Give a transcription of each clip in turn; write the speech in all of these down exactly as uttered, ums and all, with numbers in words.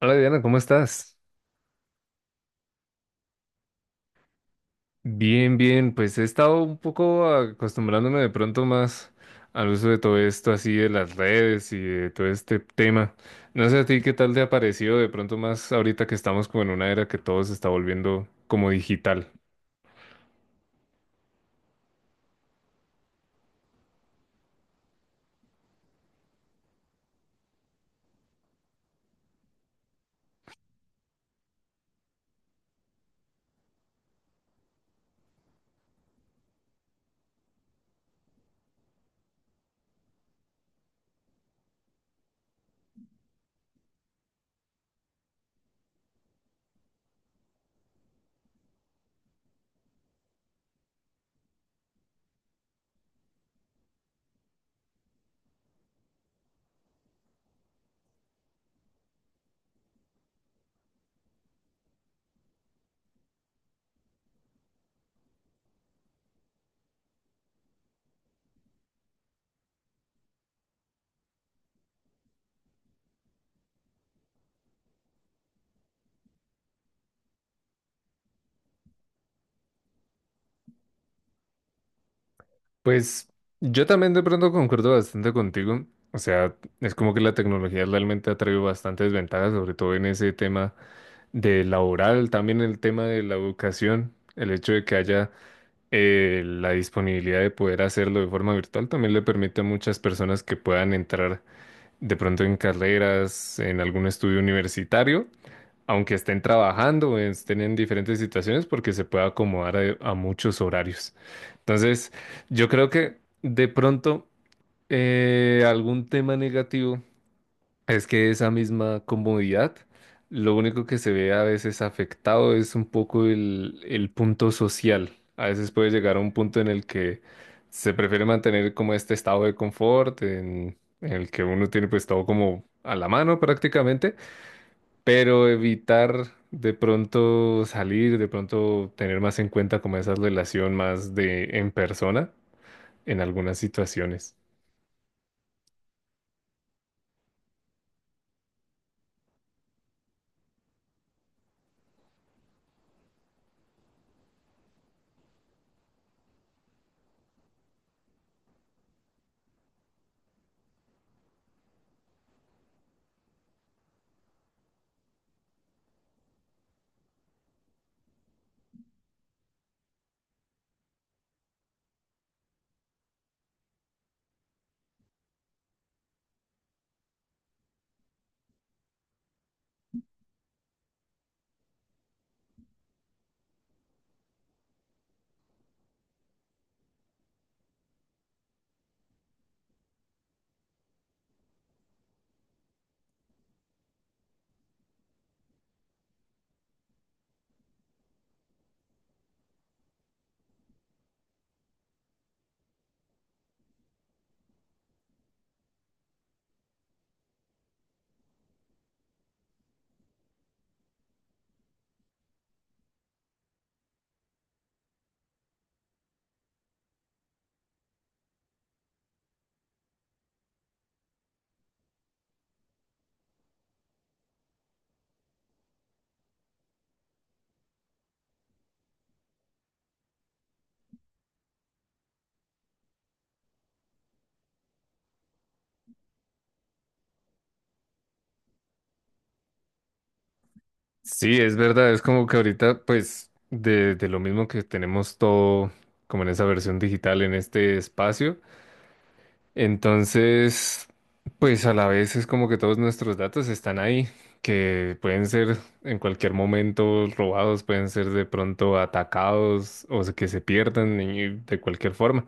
Hola Diana, ¿cómo estás? Bien, bien, pues he estado un poco acostumbrándome de pronto más al uso de todo esto así de las redes y de todo este tema. No sé a ti qué tal te ha parecido de pronto más ahorita que estamos como en una era que todo se está volviendo como digital. Pues yo también de pronto concuerdo bastante contigo. O sea, es como que la tecnología realmente ha traído bastantes ventajas, sobre todo en ese tema de laboral, también el tema de la educación, el hecho de que haya eh, la disponibilidad de poder hacerlo de forma virtual también le permite a muchas personas que puedan entrar de pronto en carreras, en algún estudio universitario, aunque estén trabajando o estén en diferentes situaciones, porque se puede acomodar a, a muchos horarios. Entonces, yo creo que de pronto eh, algún tema negativo. Es que esa misma comodidad, lo único que se ve a veces afectado es un poco el, el punto social. A veces puede llegar a un punto en el que se prefiere mantener como este estado de confort, en, en el que uno tiene pues todo como a la mano prácticamente, pero evitar de pronto salir, de pronto tener más en cuenta como esa relación más de en persona en algunas situaciones. Sí, es verdad, es como que ahorita, pues, de, de lo mismo que tenemos todo como en esa versión digital, en este espacio, entonces, pues a la vez es como que todos nuestros datos están ahí, que pueden ser en cualquier momento robados, pueden ser de pronto atacados o se- que se pierdan y de cualquier forma.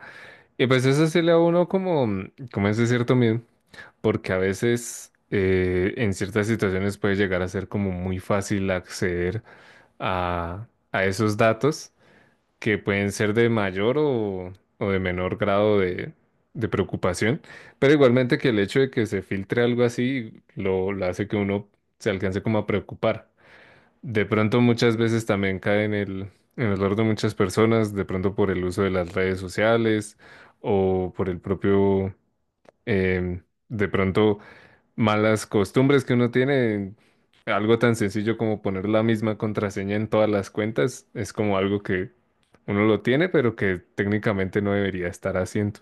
Y pues eso se le a uno como, como ese cierto miedo, porque a veces... eh, en ciertas situaciones puede llegar a ser como muy fácil acceder a, a esos datos que pueden ser de mayor o, o de menor grado de, de preocupación, pero igualmente que el hecho de que se filtre algo así lo, lo hace que uno se alcance como a preocupar. De pronto muchas veces también cae en el, en el error de muchas personas, de pronto por el uso de las redes sociales o por el propio, em, de pronto malas costumbres que uno tiene, algo tan sencillo como poner la misma contraseña en todas las cuentas, es como algo que uno lo tiene, pero que técnicamente no debería estar haciendo.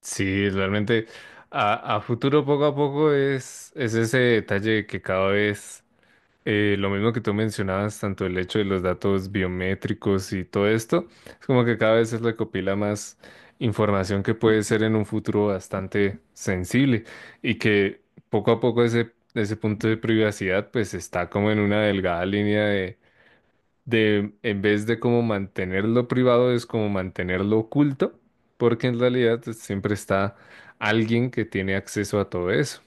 Sí, realmente a, a futuro poco a poco es, es ese detalle que cada vez eh, lo mismo que tú mencionabas, tanto el hecho de los datos biométricos y todo esto, es como que cada vez se recopila más información que puede ser en un futuro bastante sensible y que poco a poco ese, ese punto de privacidad pues está como en una delgada línea de, de en vez de como mantenerlo privado es como mantenerlo oculto, porque en realidad pues, siempre está alguien que tiene acceso a todo eso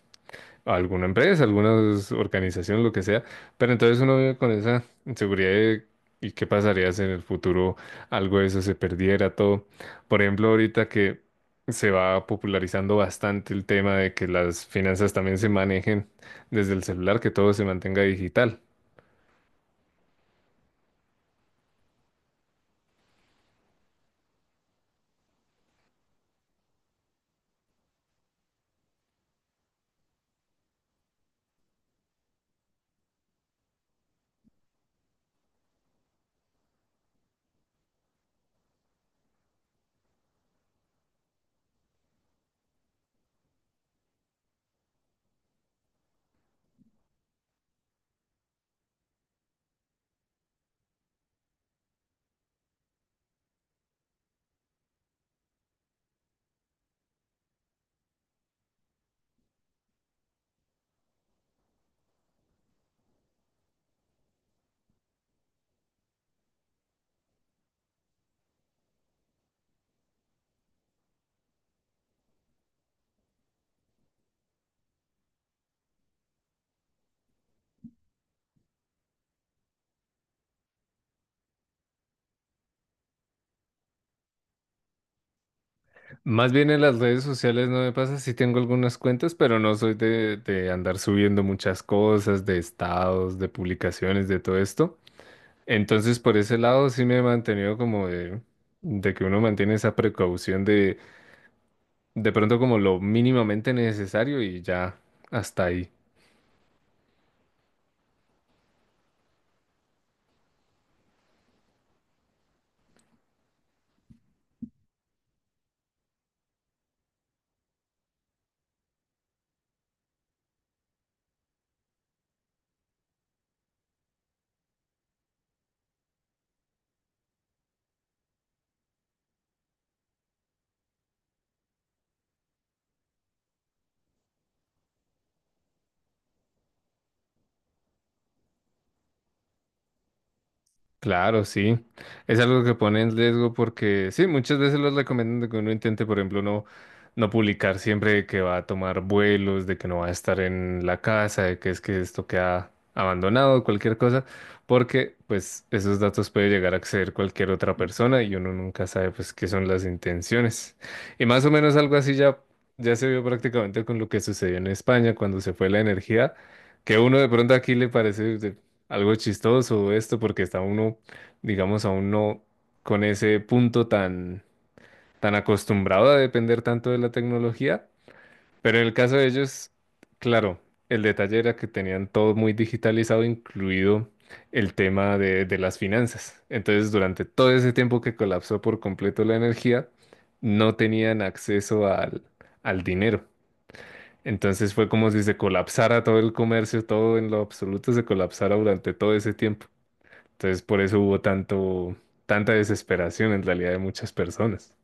a alguna empresa, algunas organizaciones lo que sea, pero entonces uno vive con esa inseguridad de, y qué pasaría si en el futuro algo de eso se perdiera todo. Por ejemplo, ahorita que se va popularizando bastante el tema de que las finanzas también se manejen desde el celular, que todo se mantenga digital. Más bien en las redes sociales no me pasa, sí tengo algunas cuentas, pero no soy de, de andar subiendo muchas cosas, de estados, de publicaciones, de todo esto. Entonces, por ese lado sí me he mantenido como de, de que uno mantiene esa precaución de de pronto como lo mínimamente necesario y ya hasta ahí. Claro, sí. Es algo que pone en riesgo porque sí, muchas veces los recomiendan de que uno intente, por ejemplo, no, no publicar siempre que va a tomar vuelos, de que no va a estar en la casa, de que es que esto queda abandonado, cualquier cosa, porque pues esos datos puede llegar a acceder cualquier otra persona y uno nunca sabe pues qué son las intenciones. Y más o menos algo así ya, ya se vio prácticamente con lo que sucedió en España cuando se fue la energía, que uno de pronto aquí le parece algo chistoso esto porque está uno, digamos, aún no con ese punto tan, tan acostumbrado a depender tanto de la tecnología, pero en el caso de ellos, claro, el detalle era que tenían todo muy digitalizado, incluido el tema de, de las finanzas. Entonces, durante todo ese tiempo que colapsó por completo la energía, no tenían acceso al, al dinero. Entonces fue como si se colapsara todo el comercio, todo en lo absoluto se colapsara durante todo ese tiempo. Entonces, por eso hubo tanto, tanta desesperación en realidad de muchas personas.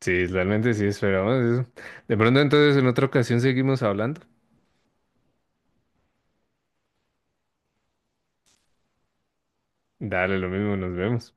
Sí, realmente sí esperábamos eso. De pronto, entonces, en otra ocasión seguimos hablando. Dale, lo mismo, nos vemos.